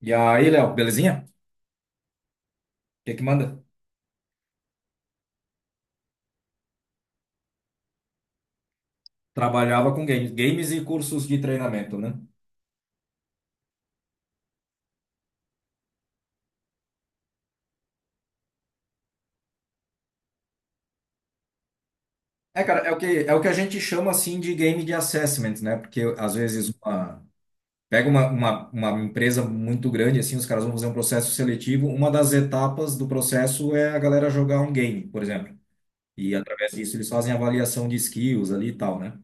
E aí, Léo, belezinha? O que é que manda? Trabalhava com games, games e cursos de treinamento, né? É, cara, é o que a gente chama assim de game de assessment, né? Porque às vezes uma, pega uma empresa muito grande, assim, os caras vão fazer um processo seletivo. Uma das etapas do processo é a galera jogar um game, por exemplo. E através disso eles fazem avaliação de skills ali e tal, né?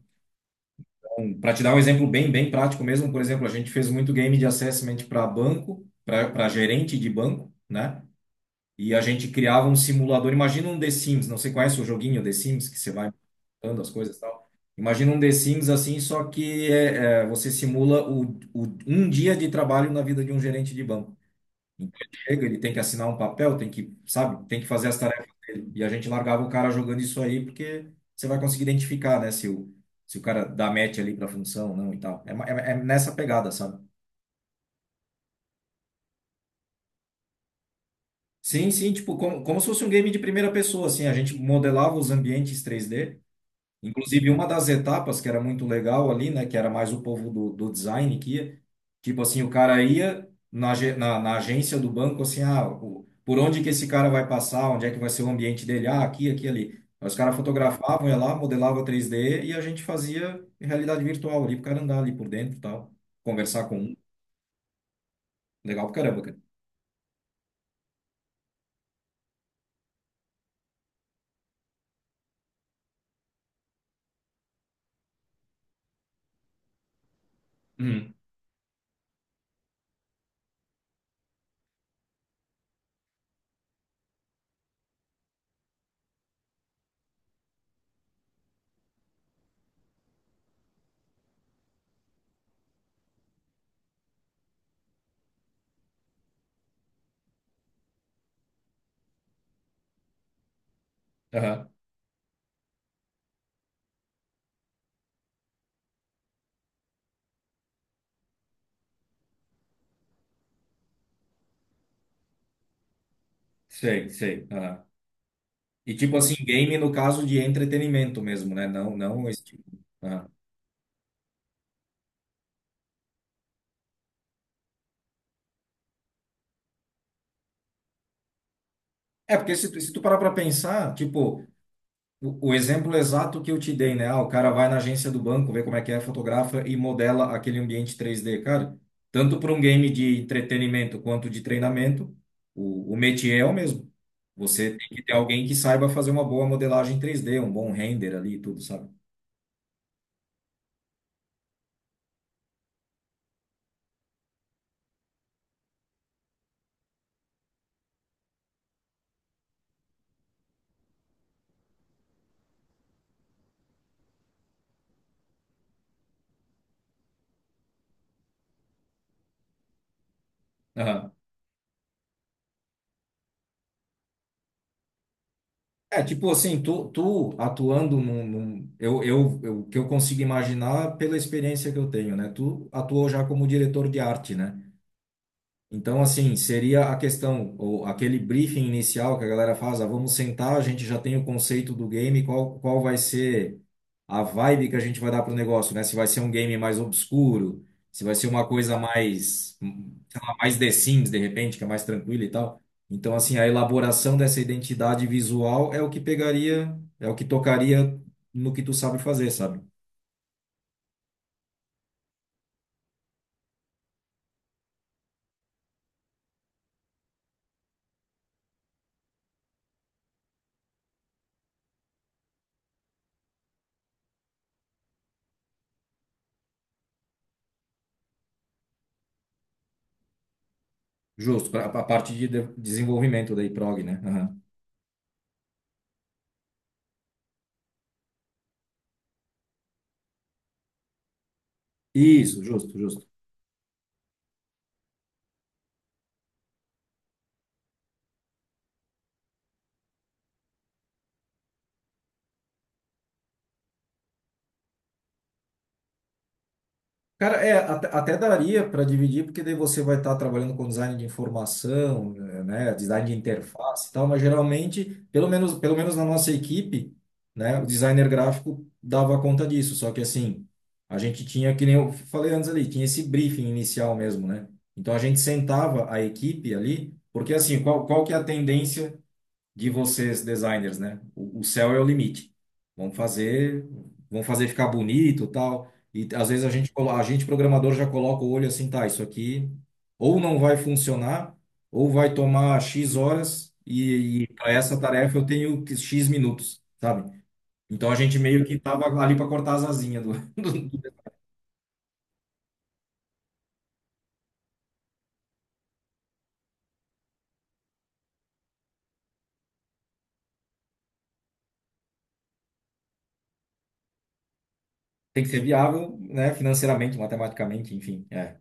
Para te dar um exemplo bem, bem prático mesmo, por exemplo, a gente fez muito game de assessment para banco, para gerente de banco, né? E a gente criava um simulador. Imagina um The Sims, não sei qual é o joguinho The Sims, que você vai mudando as coisas e tal. Imagina um The Sims assim, só que você simula um dia de trabalho na vida de um gerente de banco. Então, ele chega, ele tem que assinar um papel, tem que, sabe, tem que fazer as tarefas dele. E a gente largava o cara jogando isso aí, porque você vai conseguir identificar, né, se o cara dá match ali pra função ou não e tal. É, é, é nessa pegada, sabe? Sim, sim, tipo, como se fosse um game de primeira pessoa, assim. A gente modelava os ambientes 3D. Inclusive, uma das etapas que era muito legal ali, né, que era mais o povo do design que ia, tipo assim, o cara ia na na agência do banco, assim, ah, por onde que esse cara vai passar, onde é que vai ser o ambiente dele, ah, aqui, ali. Aí os caras fotografavam, ia lá, modelava 3D e a gente fazia realidade virtual ali, pro cara andar ali por dentro e tal, conversar com um. Legal pra caramba, cara. Uhum. Aham. Sei, sei. Aham. E tipo assim, game no caso de entretenimento mesmo, né? Não, não esse tipo. É, porque se tu parar para pensar, tipo, o exemplo exato que eu te dei, né? Ah, o cara vai na agência do banco, vê como é que é, fotografa e modela aquele ambiente 3D, cara. Tanto para um game de entretenimento quanto de treinamento, o métier é o mesmo. Você tem que ter alguém que saiba fazer uma boa modelagem 3D, um bom render ali e tudo, sabe? Aham. É, tipo assim, tu atuando eu, o que eu consigo imaginar pela experiência que eu tenho, né? Tu atuou já como diretor de arte, né? Então, assim, seria a questão, ou aquele briefing inicial que a galera faz, ah, vamos sentar, a gente já tem o conceito do game, qual vai ser a vibe que a gente vai dar pro negócio, né? Se vai ser um game mais obscuro, se vai ser uma coisa mais, sei lá, mais The Sims, de repente, que é mais tranquila e tal. Então, assim, a elaboração dessa identidade visual é o que pegaria, é o que tocaria no que tu sabe fazer, sabe? Justo, para a parte de desenvolvimento daí, prog, né? Aham. Isso, justo, justo. Cara, é, até daria para dividir, porque daí você vai estar trabalhando com design de informação, né, design de interface e tal, mas geralmente, pelo menos na nossa equipe, né, o designer gráfico dava conta disso, só que assim, a gente tinha, que nem eu falei antes ali, tinha esse briefing inicial mesmo, né? Então a gente sentava a equipe ali, porque assim, qual que é a tendência de vocês designers, né? O céu é o limite. Vamos fazer, vamos fazer ficar bonito, tal. E às vezes a gente, a gente programador já coloca o olho assim, tá, isso aqui ou não vai funcionar, ou vai tomar X horas e para essa tarefa eu X minutos, sabe? Então a gente meio que tava ali para cortar as asinhas do, do- tem que ser viável, né, financeiramente, matematicamente, enfim, é.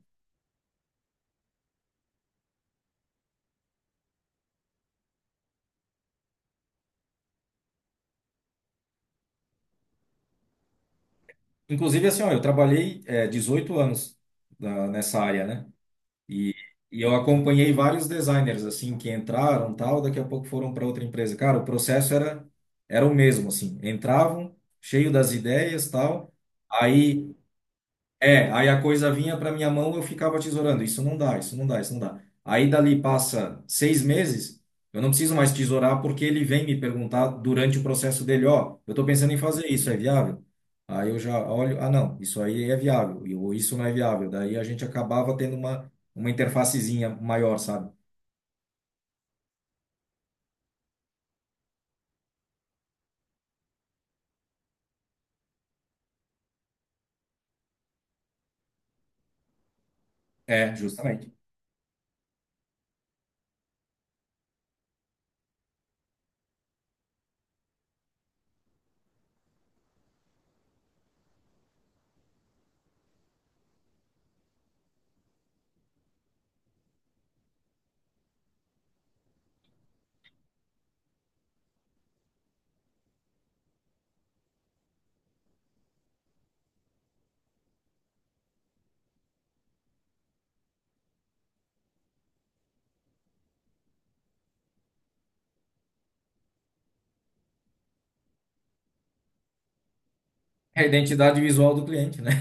Inclusive assim, ó, eu trabalhei 18 anos nessa área, né? E, e eu acompanhei vários designers assim que entraram, tal, daqui a pouco foram para outra empresa. Cara, o processo era era o mesmo assim. Entravam cheio das ideias, tal. Aí aí a coisa vinha para minha mão, eu ficava tesourando. Isso não dá, isso não dá, isso não dá. Aí dali passa seis meses, eu não preciso mais tesourar porque ele vem me perguntar durante o processo dele, ó, eu estou pensando em fazer isso, é viável? Aí eu já olho, ah não, isso aí é viável, ou isso não é viável. Daí a gente acabava tendo uma interfacezinha maior, sabe? É, justamente. É a identidade visual do cliente, né?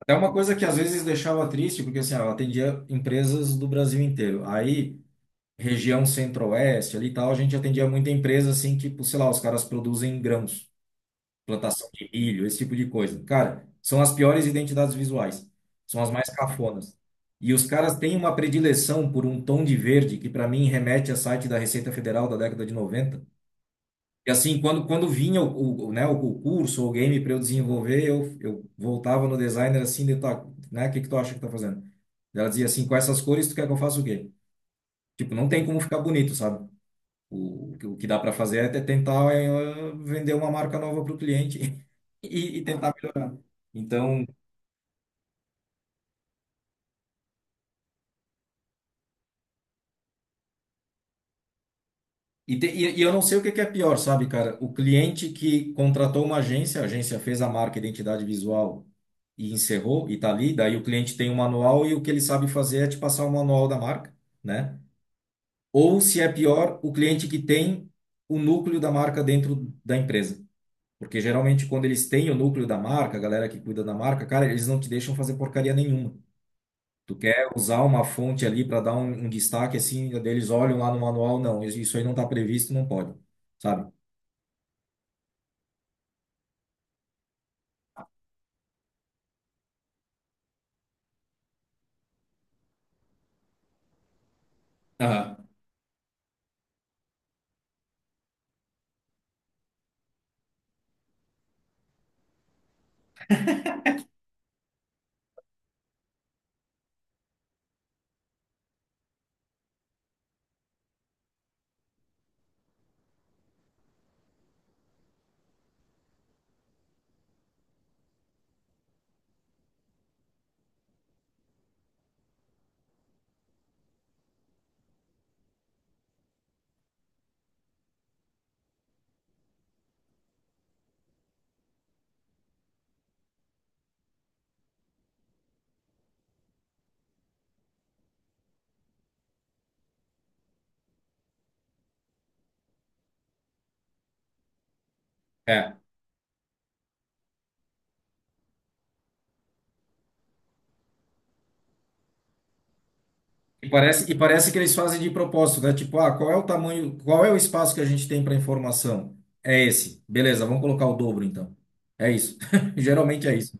Até uma coisa que às vezes deixava triste, porque assim, ó, eu atendia empresas do Brasil inteiro. Aí região centro-oeste ali e tal, a gente atendia muita empresa assim que, sei lá, os caras produzem grãos, plantação de milho, esse tipo de coisa. Cara, são as piores identidades visuais, são as mais cafonas. E os caras têm uma predileção por um tom de verde que para mim remete a site da Receita Federal da década de noventa. E assim, quando vinha né, o curso ou o game para eu desenvolver, eu voltava no designer assim, de, tá, né, o que que tu acha que tá fazendo? Ela dizia assim, com essas cores tu quer que eu faça o quê? Tipo, não tem como ficar bonito, sabe? O que dá para fazer é tentar vender uma marca nova para o cliente e tentar melhorar. Então, e eu não sei o que que é pior, sabe, cara? O cliente que contratou uma agência, a agência fez a marca identidade visual e encerrou e tá ali, daí o cliente tem um manual e o que ele sabe fazer é te passar o manual da marca, né? Ou se é pior, o cliente que tem o núcleo da marca dentro da empresa. Porque geralmente quando eles têm o núcleo da marca, a galera que cuida da marca, cara, eles não te deixam fazer porcaria nenhuma. Tu quer usar uma fonte ali para dar um, um destaque assim, eles olham lá no manual, não, isso aí não está previsto, não pode, sabe? Aham. É, e parece que eles fazem de propósito, né? Tipo, ah, qual é o tamanho, qual é o espaço que a gente tem para informação? É esse. Beleza, vamos colocar o dobro então. É isso. Geralmente é isso.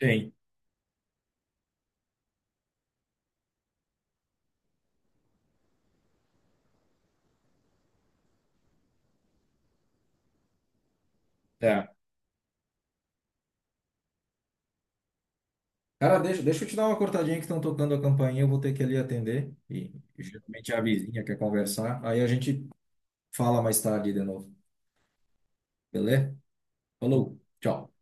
Sim. É. Cara, deixa eu te dar uma cortadinha que estão tocando a campainha, eu vou ter que ali atender. E geralmente é a vizinha quer conversar, aí a gente fala mais tarde de novo, beleza? Falou, tchau.